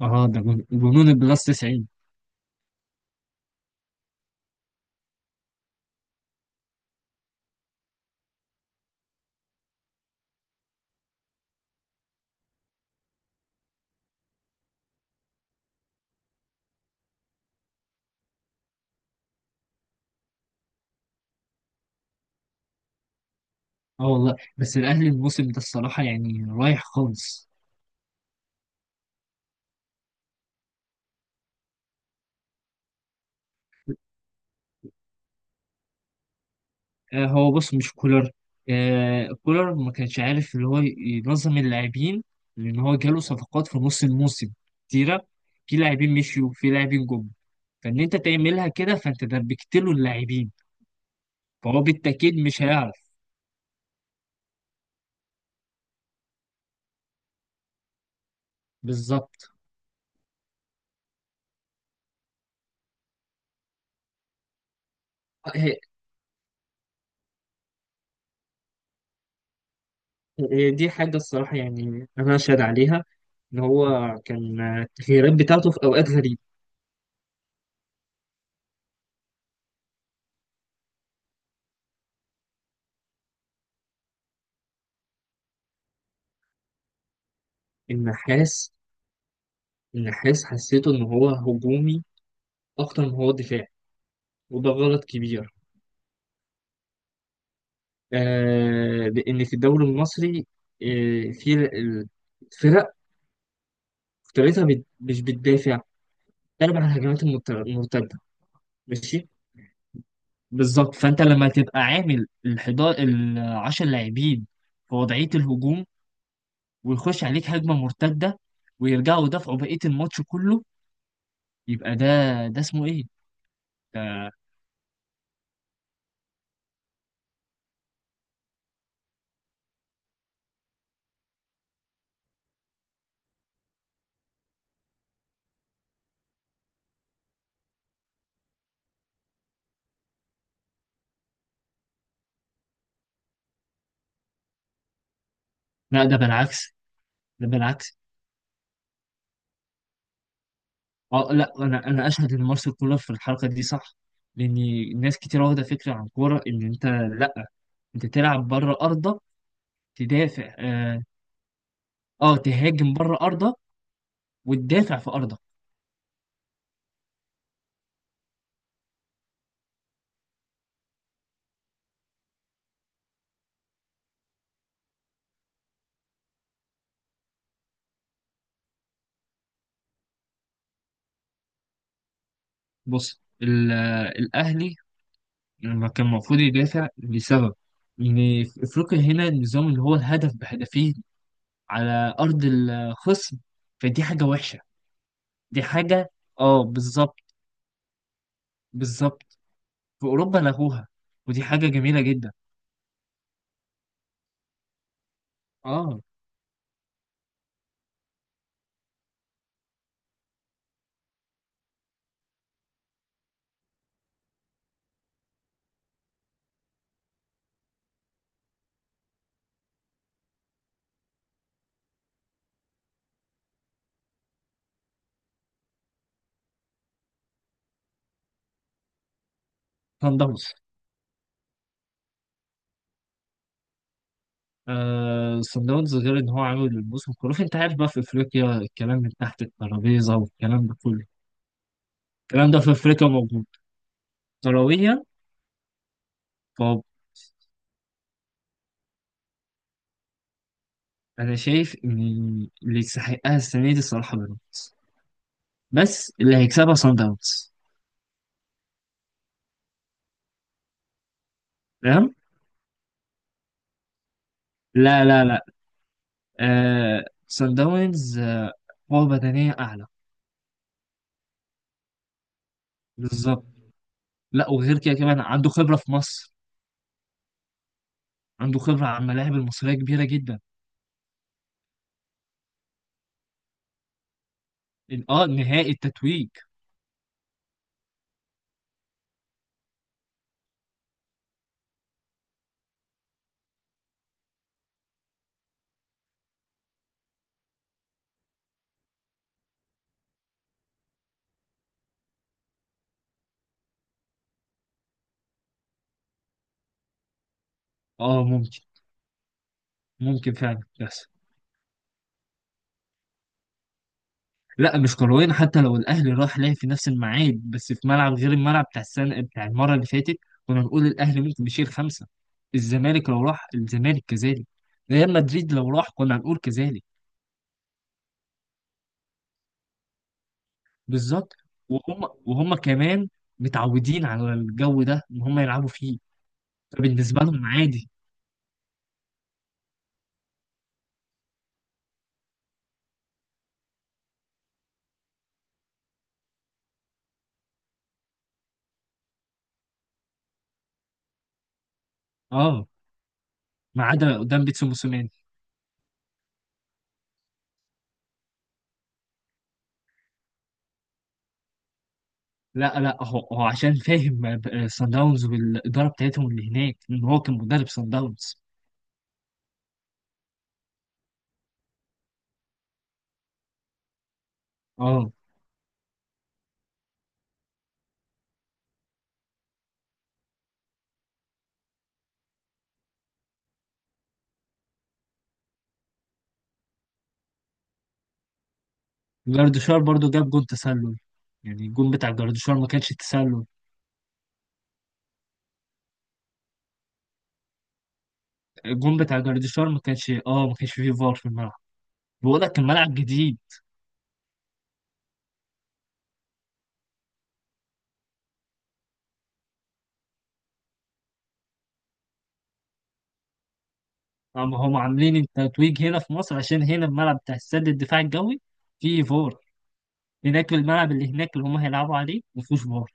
اه ده جنون البلس 90. اه والله، بس الاهلي الموسم ده الصراحه يعني رايح خالص. آه هو بص، مش كولر. آه، كولر ما كانش عارف اللي هو ينظم اللاعبين، لان هو جاله صفقات في نص الموسم كتيره، في لاعبين مشيوا في لاعبين جم، فان انت تعملها كده فانت دربكت له اللاعبين، فهو بالتاكيد مش هيعرف. بالظبط. آه، هي- هي دي حاجه الصراحه، يعني انا اشهد عليها ان هو كان التغييرات بتاعته في اوقات غريبه. النحاس. النحاس حسيته إن هو هجومي أكتر ما هو دفاعي، وده غلط كبير. آه لأن في الدوري المصري، آه في ال- الفرق أكتريتها مش بتدافع، بتلعب على الهجمات المرتدة. ماشي. بالظبط، فأنت لما تبقى عامل الحداشر العشر لاعبين في وضعية الهجوم، ويخش عليك هجمة مرتدة، ويرجعوا يدافعوا بقية الماتش كله، يبقى ده، ده اسمه إيه؟ ده لا، ده بالعكس. ده بالعكس. اه لا، انا اشهد ان مارسيل كولر في الحركه دي صح، لان ناس كتير واخده فكره عن الكوره ان انت، لا، انت تلعب بره ارضك تدافع. اه، آه، تهاجم بره ارضك وتدافع في ارضك. بص، الاهلي لما كان المفروض يدافع لسبب ان في افريقيا هنا النظام اللي هو الهدف بهدفين على ارض الخصم، فدي حاجه وحشه. دي حاجه. اه بالظبط. بالظبط. في اوروبا لغوها، ودي حاجه جميله جدا. اه. سان داونز. آه، صن داونز، غير ان هو عامل موسم خرافي. انت عارف بقى في افريقيا الكلام من تحت الترابيزه والكلام ده كله. الكلام ده في افريقيا موجود. كرويا. طب، انا شايف ان اللي يستحقها السنه دي الصراحه بيراميدز، بس اللي هيكسبها صن داونز. تمام. لا، لا، لا. آه صن داونز. قوه بدنيه اعلى. بالظبط. لا، وغير كده كمان عنده خبره في مصر. عنده خبره على الملاعب المصريه كبيره جدا. نهائي التتويج. اه ممكن. ممكن فعلا، بس. لا مش كرويا، حتى لو الاهلي راح لعب في نفس الميعاد بس في ملعب غير الملعب بتاع السنه بتاع المره اللي فاتت، كنا نقول الاهلي ممكن يشيل خمسه. الزمالك لو راح الزمالك كذلك. ريال مدريد لو راح كنا هنقول كذلك. بالظبط. وهم كمان متعودين على الجو ده ان هم يلعبوا فيه، فبالنسبه لهم عادي. اه، ما عدا قدام بيتسو موسوماني. لا، لا، هو عشان فاهم سان داونز والاداره بتاعتهم اللي هناك ان هو كان مدرب سان داونز. اه، جارديشار برضو جاب جون تسلل، يعني الجون بتاع جارديشار ما كانش تسلل. الجون بتاع جارديشار ما كانش، ما كانش فيه فار في الملعب. بقول لك الملعب جديد. هم عاملين التتويج هنا في مصر، عشان هنا الملعب بتاع السد الدفاع الجوي فيه فار. هناك الملعب اللي هناك اللي هم هيلعبوا عليه ما فيهوش فار.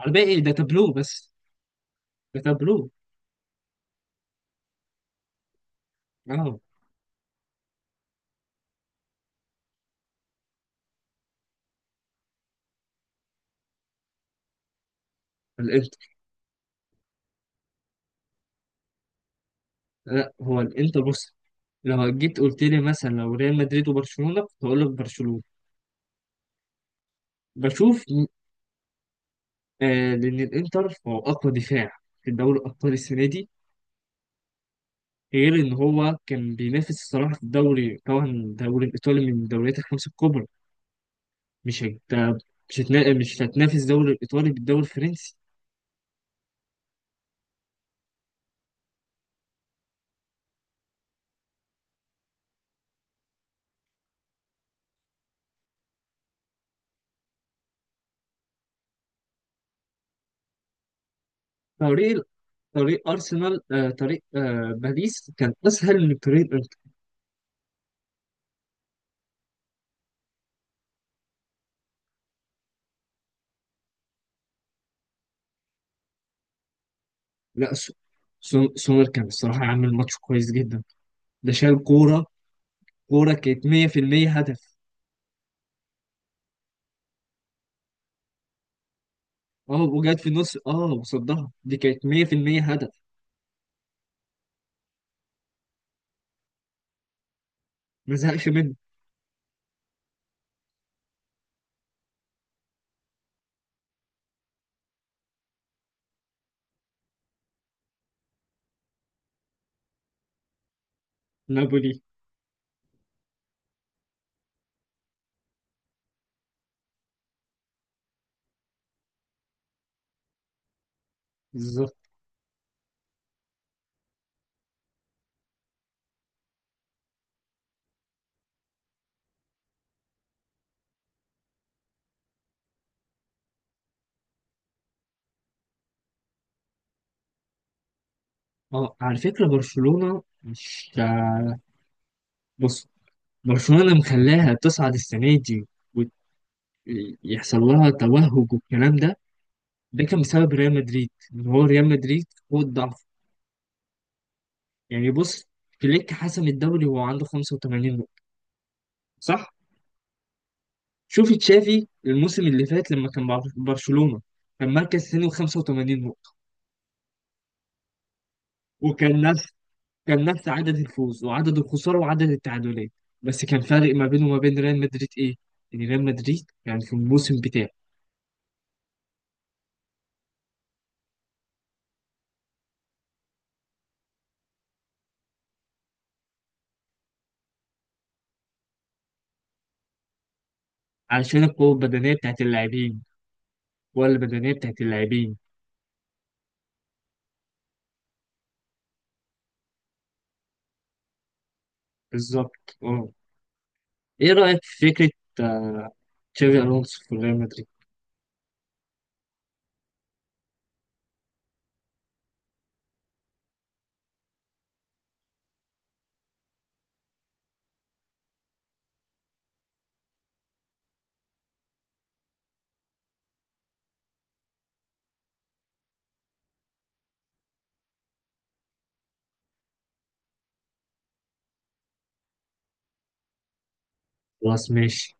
على الباقي ده تابلو بس. ده تابلو. اه. الانتر. لا، هو الانتر بص، لو جيت قلت لي مثلا لو ريال مدريد وبرشلونة كنت هقول لك برشلونة. بشوف. آه، لأن الإنتر هو أقوى دفاع في الدوري الأبطال السنة دي، غير إن هو كان بينافس الصراحة في الدوري، طبعا الدوري الإيطالي من الدوريات الخمسة الكبرى. مش هت... مش هتنافس الدوري الإيطالي بالدوري الفرنسي. طريق طريق أرسنال آه، طريق آه، باريس كان أسهل من طريق الإنتر. لا سو- سو- سومر كان الصراحة عامل ماتش كويس جدا. ده شال كورة. كورة كانت 100% هدف. اه وجات في النص، وصدها، دي كانت 100% هدف. ما زهقش منه. نابولي. بالظبط. اه على فكرة برشلونة مش، بص، برشلونة مخلاها تصعد السنة دي ويحصل لها توهج والكلام ده، ده كان بسبب ريال مدريد، ان هو ريال مدريد هو الضعف. يعني بص، فليك حسم الدوري وهو عنده 85 نقطة، صح؟ شوف تشافي الموسم اللي فات لما كان مع برشلونة، كان مركز ثاني و85 نقطة، وكان نفس عدد الفوز وعدد الخسارة وعدد التعادلات، بس كان فارق ما بينه وما بين ريال مدريد إيه؟ إن ريال مدريد يعني في الموسم بتاعه، علشان القوة البدنية بتاعت اللاعبين والبدنية بتاعت اللاعبين. بالظبط أه. إيه رأيك في فكرة، آه، تشافي ألونسو في ريال مدريد؟ خلاص ماشي.